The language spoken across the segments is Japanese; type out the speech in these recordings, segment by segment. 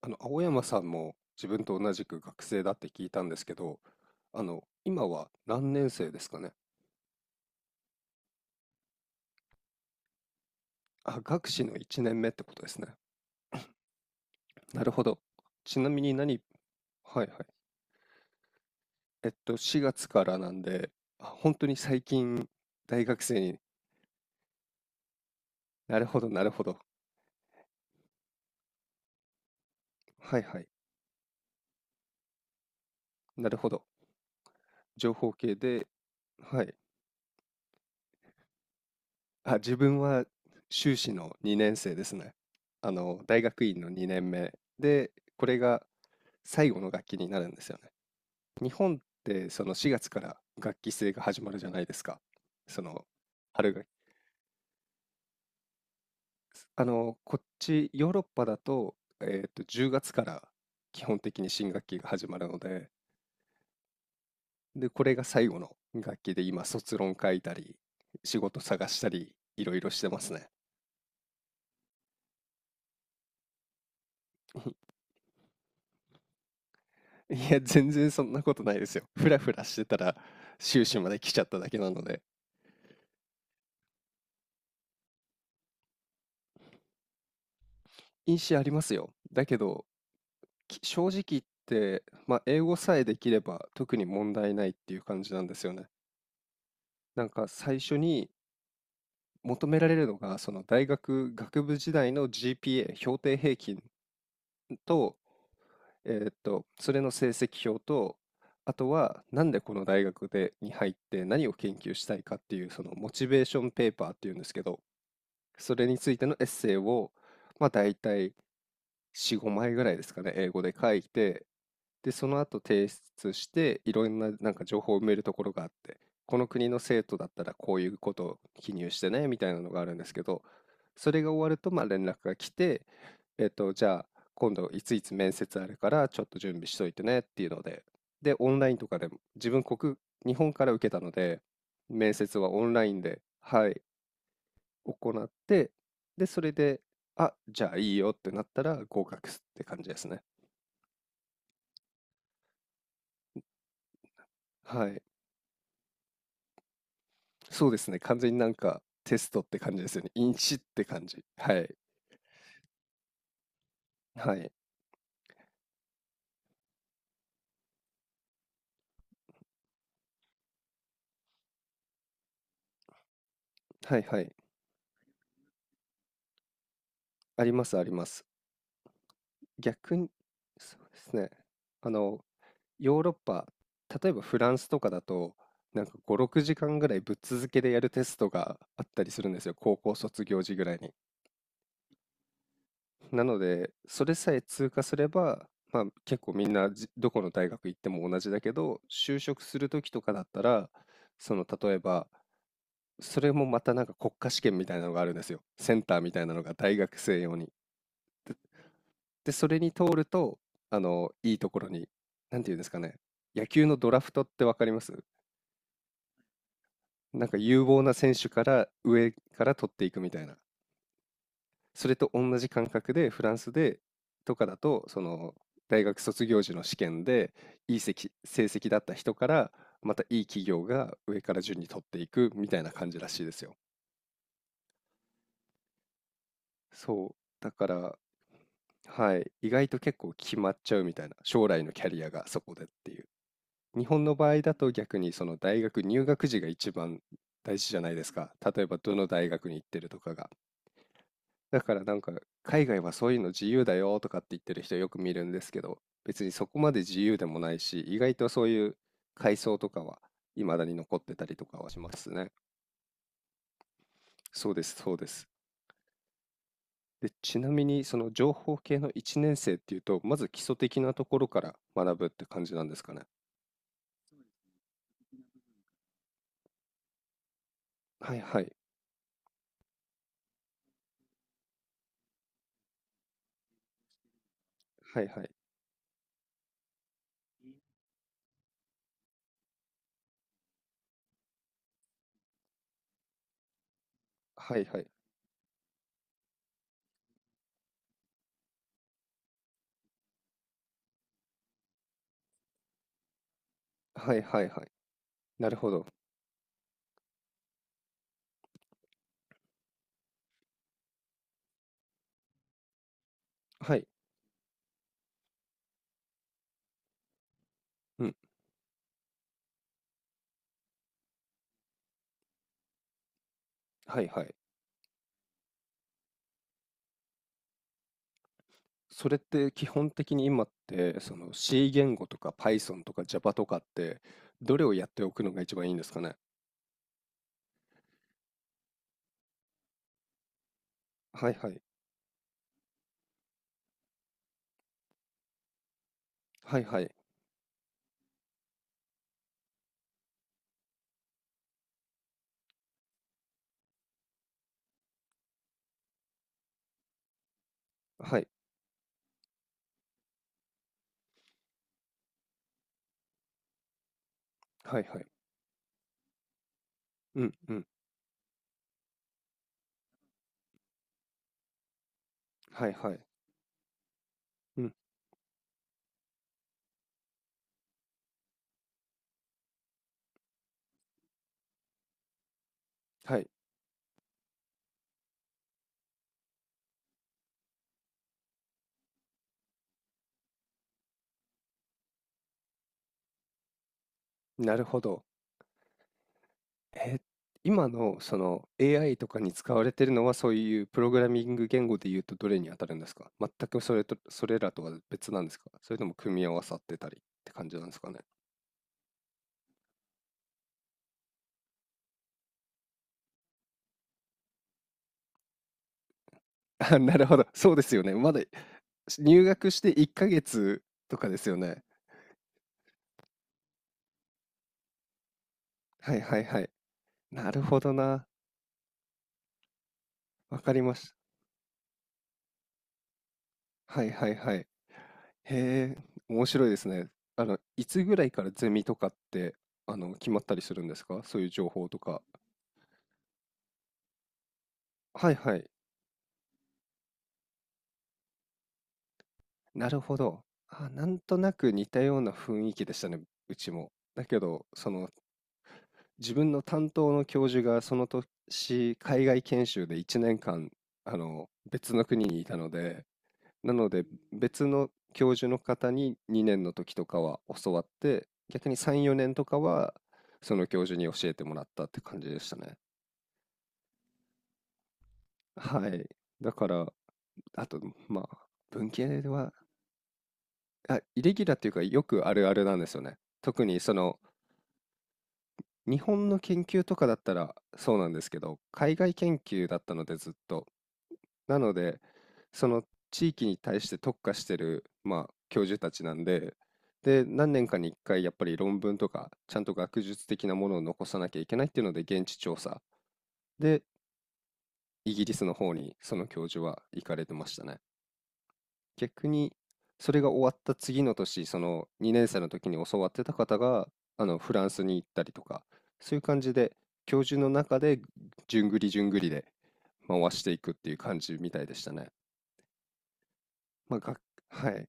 青山さんも自分と同じく学生だって聞いたんですけど、今は何年生ですかね。あ、学士の1年目ってことですね。なるほど。ちなみに何、はいはい。4月からなんで、あ、本当に最近大学生に、なるほど、なるほど。はいはい。なるほど。情報系で、はい。あ、自分は修士の2年生ですね。大学院の2年目で、これが最後の学期になるんですよね。日本ってその4月から学期制が始まるじゃないですか。その春学期。こっちヨーロッパだと、10月から基本的に新学期が始まるので、で、これが最後の学期で今卒論書いたり、仕事探したり、いろいろしてますね。いや、全然そんなことないですよ。ふらふらしてたら修士まで来ちゃっただけなので。印紙ありますよ。だけど、正直言って、まあ、英語さえできれば特に問題ないっていう感じなんですよね。なんか最初に求められるのが、その大学学部時代の GPA、評定平均と、それの成績表と、あとはなんでこの大学でに入って何を研究したいかっていうそのモチベーションペーパーっていうんですけど、それについてのエッセイを、まあ、大体4、5枚ぐらいですかね、英語で書いて、で、その後提出して、いろんななんか情報を埋めるところがあって、この国の生徒だったらこういうことを記入してね、みたいなのがあるんですけど、それが終わると、まあ連絡が来て、じゃあ、今度いついつ面接あるから、ちょっと準備しといてねっていうので、で、オンラインとかでも、自分国、日本から受けたので、面接はオンラインで、はい、行って、で、それで、あ、じゃあいいよってなったら合格って感じですね。はい。そうですね。完全になんかテストって感じですよね。インチって感じ。はい。はい。はいはい。ありますあります。逆に、そうですね。あの、ヨーロッパ、例えばフランスとかだと、なんか5、6時間ぐらいぶっ続けでやるテストがあったりするんですよ。高校卒業時ぐらいに。なので、それさえ通過すれば、まあ、結構みんなどこの大学行っても同じだけど、就職する時とかだったら、その例えば、それもまたなんか国家試験みたいなのがあるんですよ。センターみたいなのが大学生用に。で、それに通ると、いいところに、なんていうんですかね、野球のドラフトってわかります、なんか有望な選手から上から取っていくみたいな。それと同じ感覚でフランスでとかだとその大学卒業時の試験でいい成績だった人からまたいい企業が上から順に取っていくみたいな感じらしいですよ。そうだから、はい、意外と結構決まっちゃうみたいな、将来のキャリアがそこでっていう。日本の場合だと逆にその大学入学時が一番大事じゃないですか。例えばどの大学に行ってるとかが。だからなんか海外はそういうの自由だよとかって言ってる人よく見るんですけど、別にそこまで自由でもないし、意外とそういう階層とかは未だに残ってたりとかはしますね。そうです、そうです。で、ちなみにその情報系の1年生っていうと、まず基礎的なところから学ぶって感じなんですかね。はいはい、はいはい、はいはい、はいはいはい。なるほど。はい、うん、はいはい。それって基本的に今って、その C 言語とか Python とか Java とかって、どれをやっておくのが一番いいんですかね。はいはい。はいはい。はい。はいはい。うんうん。はいはい。うん。はい。なるほど。えー、今のその AI とかに使われてるのはそういうプログラミング言語で言うとどれに当たるんですか、全くそれと、それらとは別なんですか、それとも組み合わさってたりって感じなんですかね。あ、なるほど。そうですよね。まだ入学して1ヶ月とかですよね。はいはいはい。なるほどな。わかりました。はいはいはい。へえ、面白いですね。いつぐらいからゼミとかって、決まったりするんですか、そういう情報とか。はいはい。なるほど。あ、なんとなく似たような雰囲気でしたね、うちも。だけど、その、自分の担当の教授がその年、海外研修で1年間、別の国にいたので、なので別の教授の方に2年の時とかは教わって、逆に3、4年とかはその教授に教えてもらったって感じでしたね。はい。だから、あと、まあ、文系は、あ、イレギュラーっていうかよくあるあるなんですよね。特にその日本の研究とかだったらそうなんですけど、海外研究だったのでずっと。なので、その地域に対して特化してる、まあ、教授たちなんで、で、何年かに1回やっぱり論文とか、ちゃんと学術的なものを残さなきゃいけないっていうので、現地調査で、イギリスの方にその教授は行かれてましたね。逆に、それが終わった次の年、その2年生の時に教わってた方が、フランスに行ったりとか、そういう感じで、教授の中で、じゅんぐりじゅんぐりで回していくっていう感じみたいでしたね。まあ、が、はい。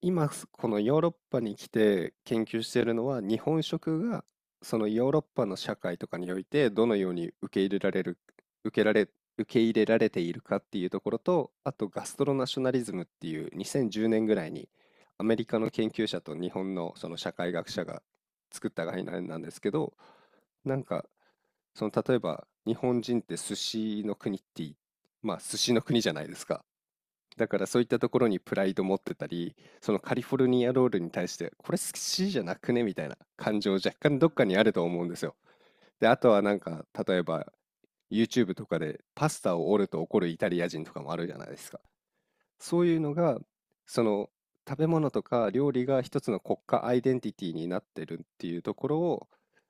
今、このヨーロッパに来て研究しているのは、日本食がそのヨーロッパの社会とかにおいてどのように受けられ、受け入れられているかっていうところと、あとガストロナショナリズムっていう2010年ぐらいにアメリカの研究者と日本のその社会学者が作った概念なんですけど、なんかその例えば日本人って寿司の国っていまあ寿司の国じゃないですか。だからそういったところにプライド持ってたり、そのカリフォルニアロールに対して、これ好きじゃなくねみたいな感情若干どっかにあると思うんですよ。で、あとはなんか、例えば YouTube とかでパスタを折ると怒るイタリア人とかもあるじゃないですか。そういうのが、その食べ物とか料理が一つの国家アイデンティティになってるっていうところを、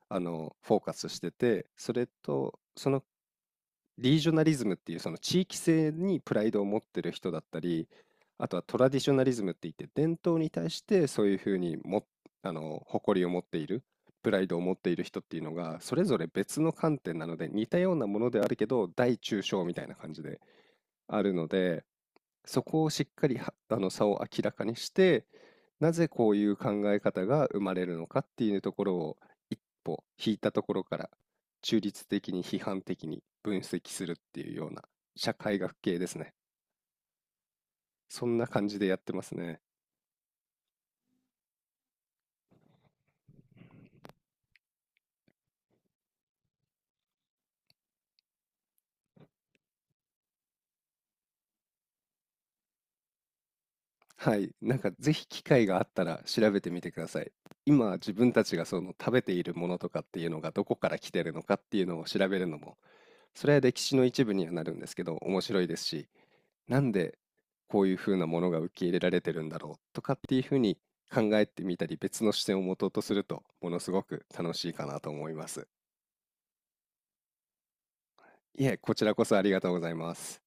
フォーカスしてて、それと、そのリージョナリズムっていうその地域性にプライドを持ってる人だったり、あとはトラディショナリズムって言って伝統に対してそういうふうにも、誇りを持っている、プライドを持っている人っていうのが、それぞれ別の観点なので似たようなものであるけど、大中小みたいな感じであるので、そこをしっかりは差を明らかにして、なぜこういう考え方が生まれるのかっていうところを一歩引いたところから中立的に批判的に分析するっていうような社会学系ですね。そんな感じでやってますね。はい、なんかぜひ機会があったら調べてみてください。今自分たちがその食べているものとかっていうのがどこから来てるのかっていうのを調べるのも、それは歴史の一部にはなるんですけど面白いですし、なんでこういうふうなものが受け入れられてるんだろうとかっていうふうに考えてみたり別の視点を持とうとするとものすごく楽しいかなと思います。いえ、こちらこそありがとうございます。